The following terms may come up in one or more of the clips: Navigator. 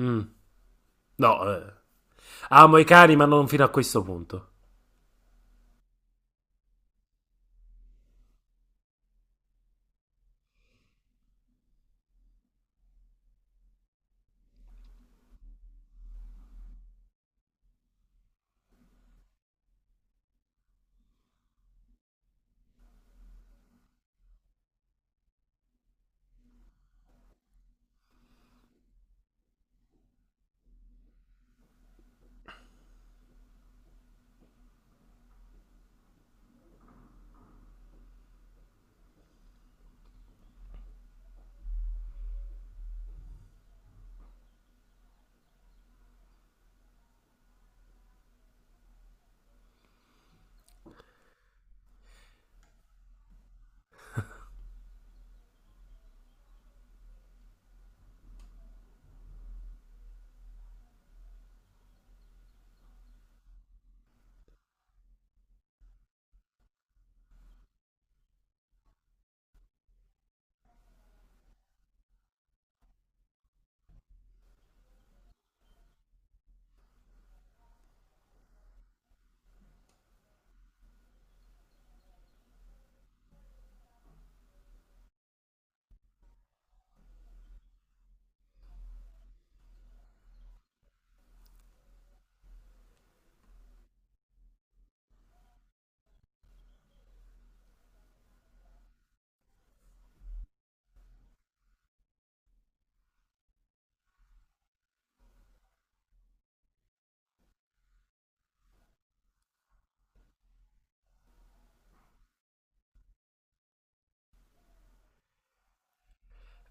Mm, no, eh. Amo i cani, ma non fino a questo punto.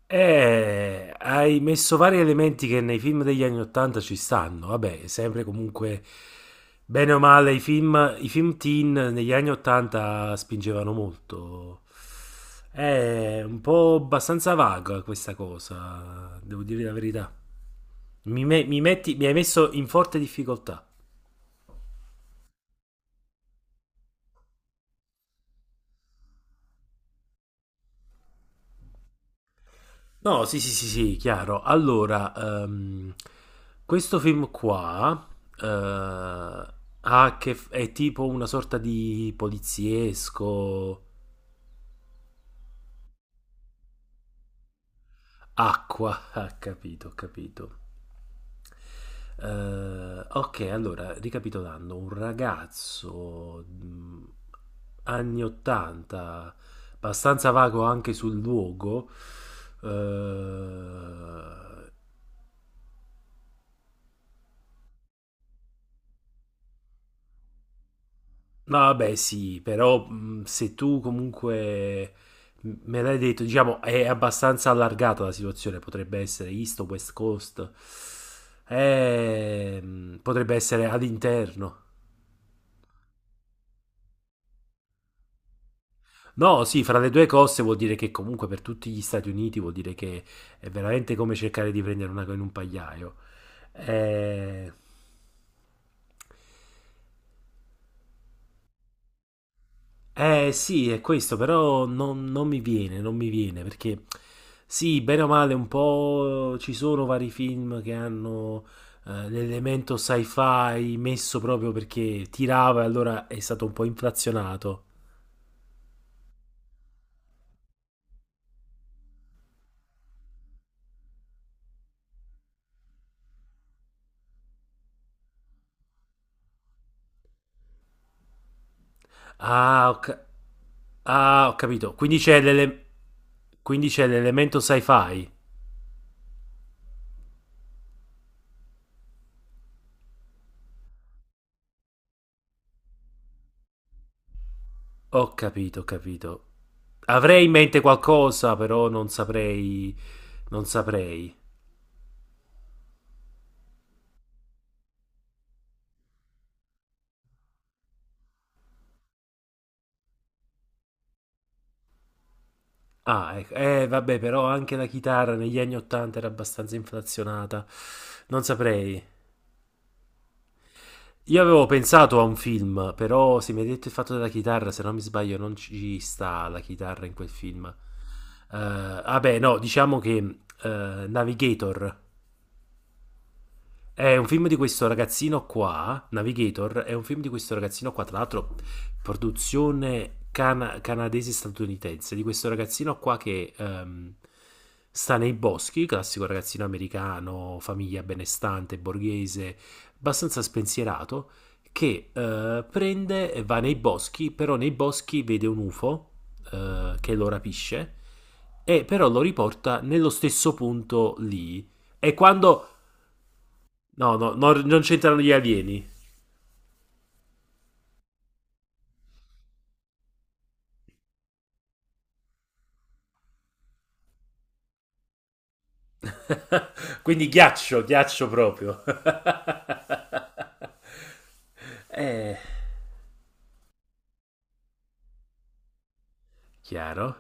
Hai messo vari elementi che nei film degli anni 80 ci stanno. Vabbè, sempre comunque, bene o male, i film teen negli anni 80 spingevano molto. È un po' abbastanza vaga questa cosa, devo dire la verità. Mi, me- mi metti- Mi hai messo in forte difficoltà. No, sì, sì, sì, sì, chiaro. Allora, questo film qua, ha a che f- è tipo una sorta di poliziesco acqua, ho capito. Ok, allora, ricapitolando, un ragazzo, anni 80, abbastanza vago anche sul luogo, eh, No, vabbè, sì, però se tu comunque me l'hai detto, diciamo, è abbastanza allargata la situazione, potrebbe essere East o West Coast. Potrebbe essere all'interno. No, sì, fra le due coste vuol dire che comunque per tutti gli Stati Uniti vuol dire che è veramente come cercare di prendere una in un pagliaio. Eh, Eh sì, è questo, però non mi viene, non mi viene, perché sì, bene o male, un po' ci sono vari film che hanno l'elemento sci-fi messo proprio perché tirava e allora è stato un po' inflazionato. Ah, ho capito, quindi c'è l'elemento sci-fi. Ho capito, ho capito. Avrei in mente qualcosa, però non saprei, non saprei. Ah, ecco. Vabbè, però anche la chitarra negli anni 80 era abbastanza inflazionata. Non saprei. Io avevo pensato a un film, però se mi hai detto il fatto della chitarra, se non mi sbaglio, non ci sta la chitarra in quel film. Vabbè, no, diciamo che Navigator. È un film di questo ragazzino qua, Navigator, è un film di questo ragazzino qua, tra l'altro produzione canadese-statunitense, di questo ragazzino qua che sta nei boschi, classico ragazzino americano, famiglia benestante, borghese, abbastanza spensierato, che prende e va nei boschi, però nei boschi vede un UFO, che lo rapisce e però lo riporta nello stesso punto lì. E quando No, no, no, non c'entrano gli alieni. Quindi ghiaccio, ghiaccio proprio. Eh, Chiaro.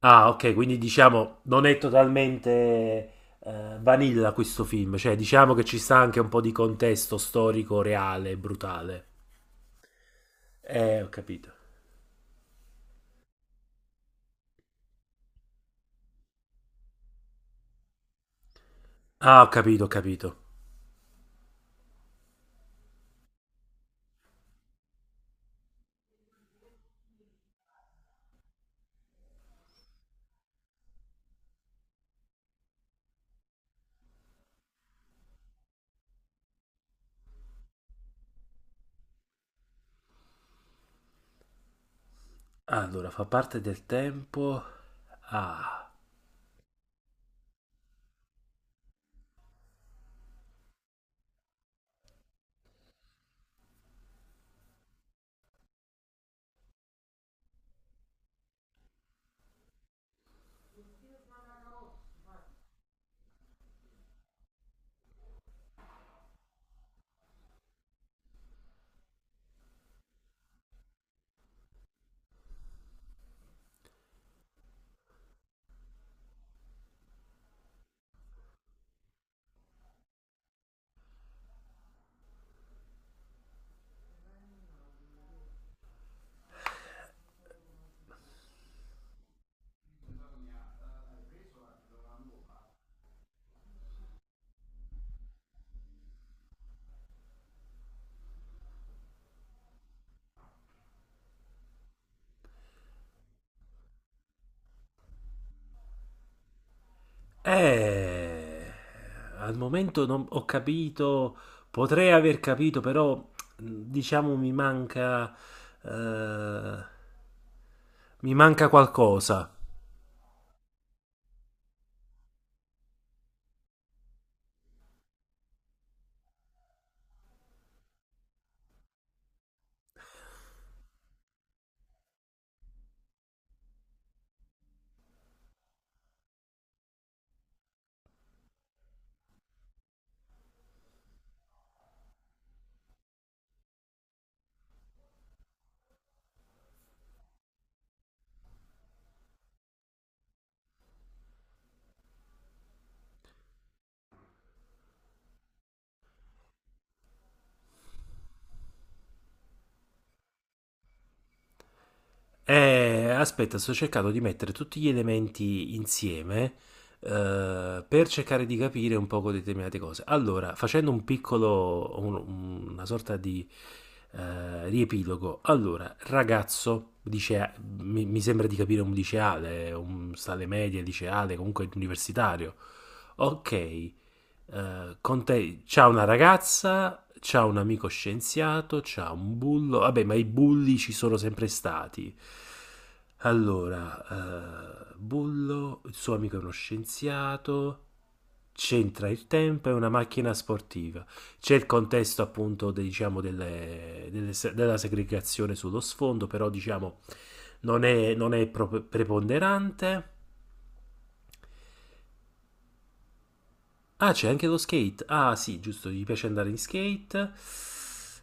Ah, ok, quindi diciamo non è totalmente vanilla questo film, cioè diciamo che ci sta anche un po' di contesto storico reale e brutale. Ho capito. Ah, ho capito, ho capito. Allora, fa parte del tempo. Ah. Eh, Al momento non ho capito, potrei aver capito, però diciamo eh, mi manca qualcosa. Aspetta, sto cercando di mettere tutti gli elementi insieme, per cercare di capire un poco determinate cose. Allora, facendo una sorta di riepilogo. Allora, ragazzo, dice, mi sembra di capire un liceale, un sta alle medie, liceale, comunque universitario. Ok, con te c'ha una ragazza, c'ha un amico scienziato, c'ha un bullo, vabbè, ma i bulli ci sono sempre stati. Allora, Bullo, il suo amico è uno scienziato, c'entra il tempo, è una macchina sportiva. C'è il contesto appunto diciamo, delle- delle se- della segregazione sullo sfondo, però diciamo non è preponderante. Ah, c'è anche lo skate. Ah, sì, giusto, gli piace andare in skate.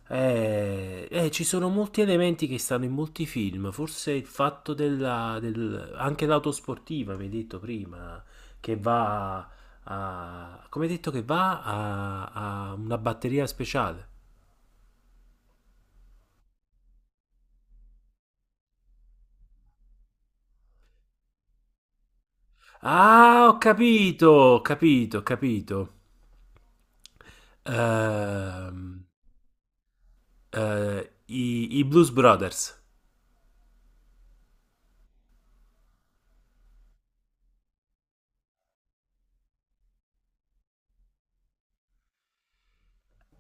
Ci sono molti elementi che stanno in molti film. Forse il fatto del, anche l'auto sportiva, mi hai detto prima, che va a, come hai detto, che va a una batteria speciale. Ah, ho capito, ho capito, ho capito. Ehm, i Blues Brothers.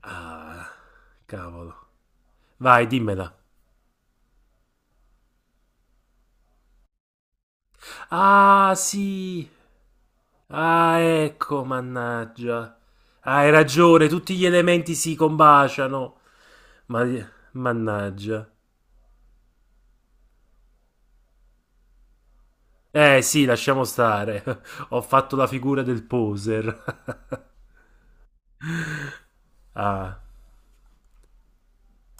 Ah, cavolo. Vai, dimmela. Ah, sì. Ah, ecco, mannaggia. Hai ragione, tutti gli elementi si combaciano. Ma. Mannaggia. Eh sì, lasciamo stare. Ho fatto la figura del poser. Ah.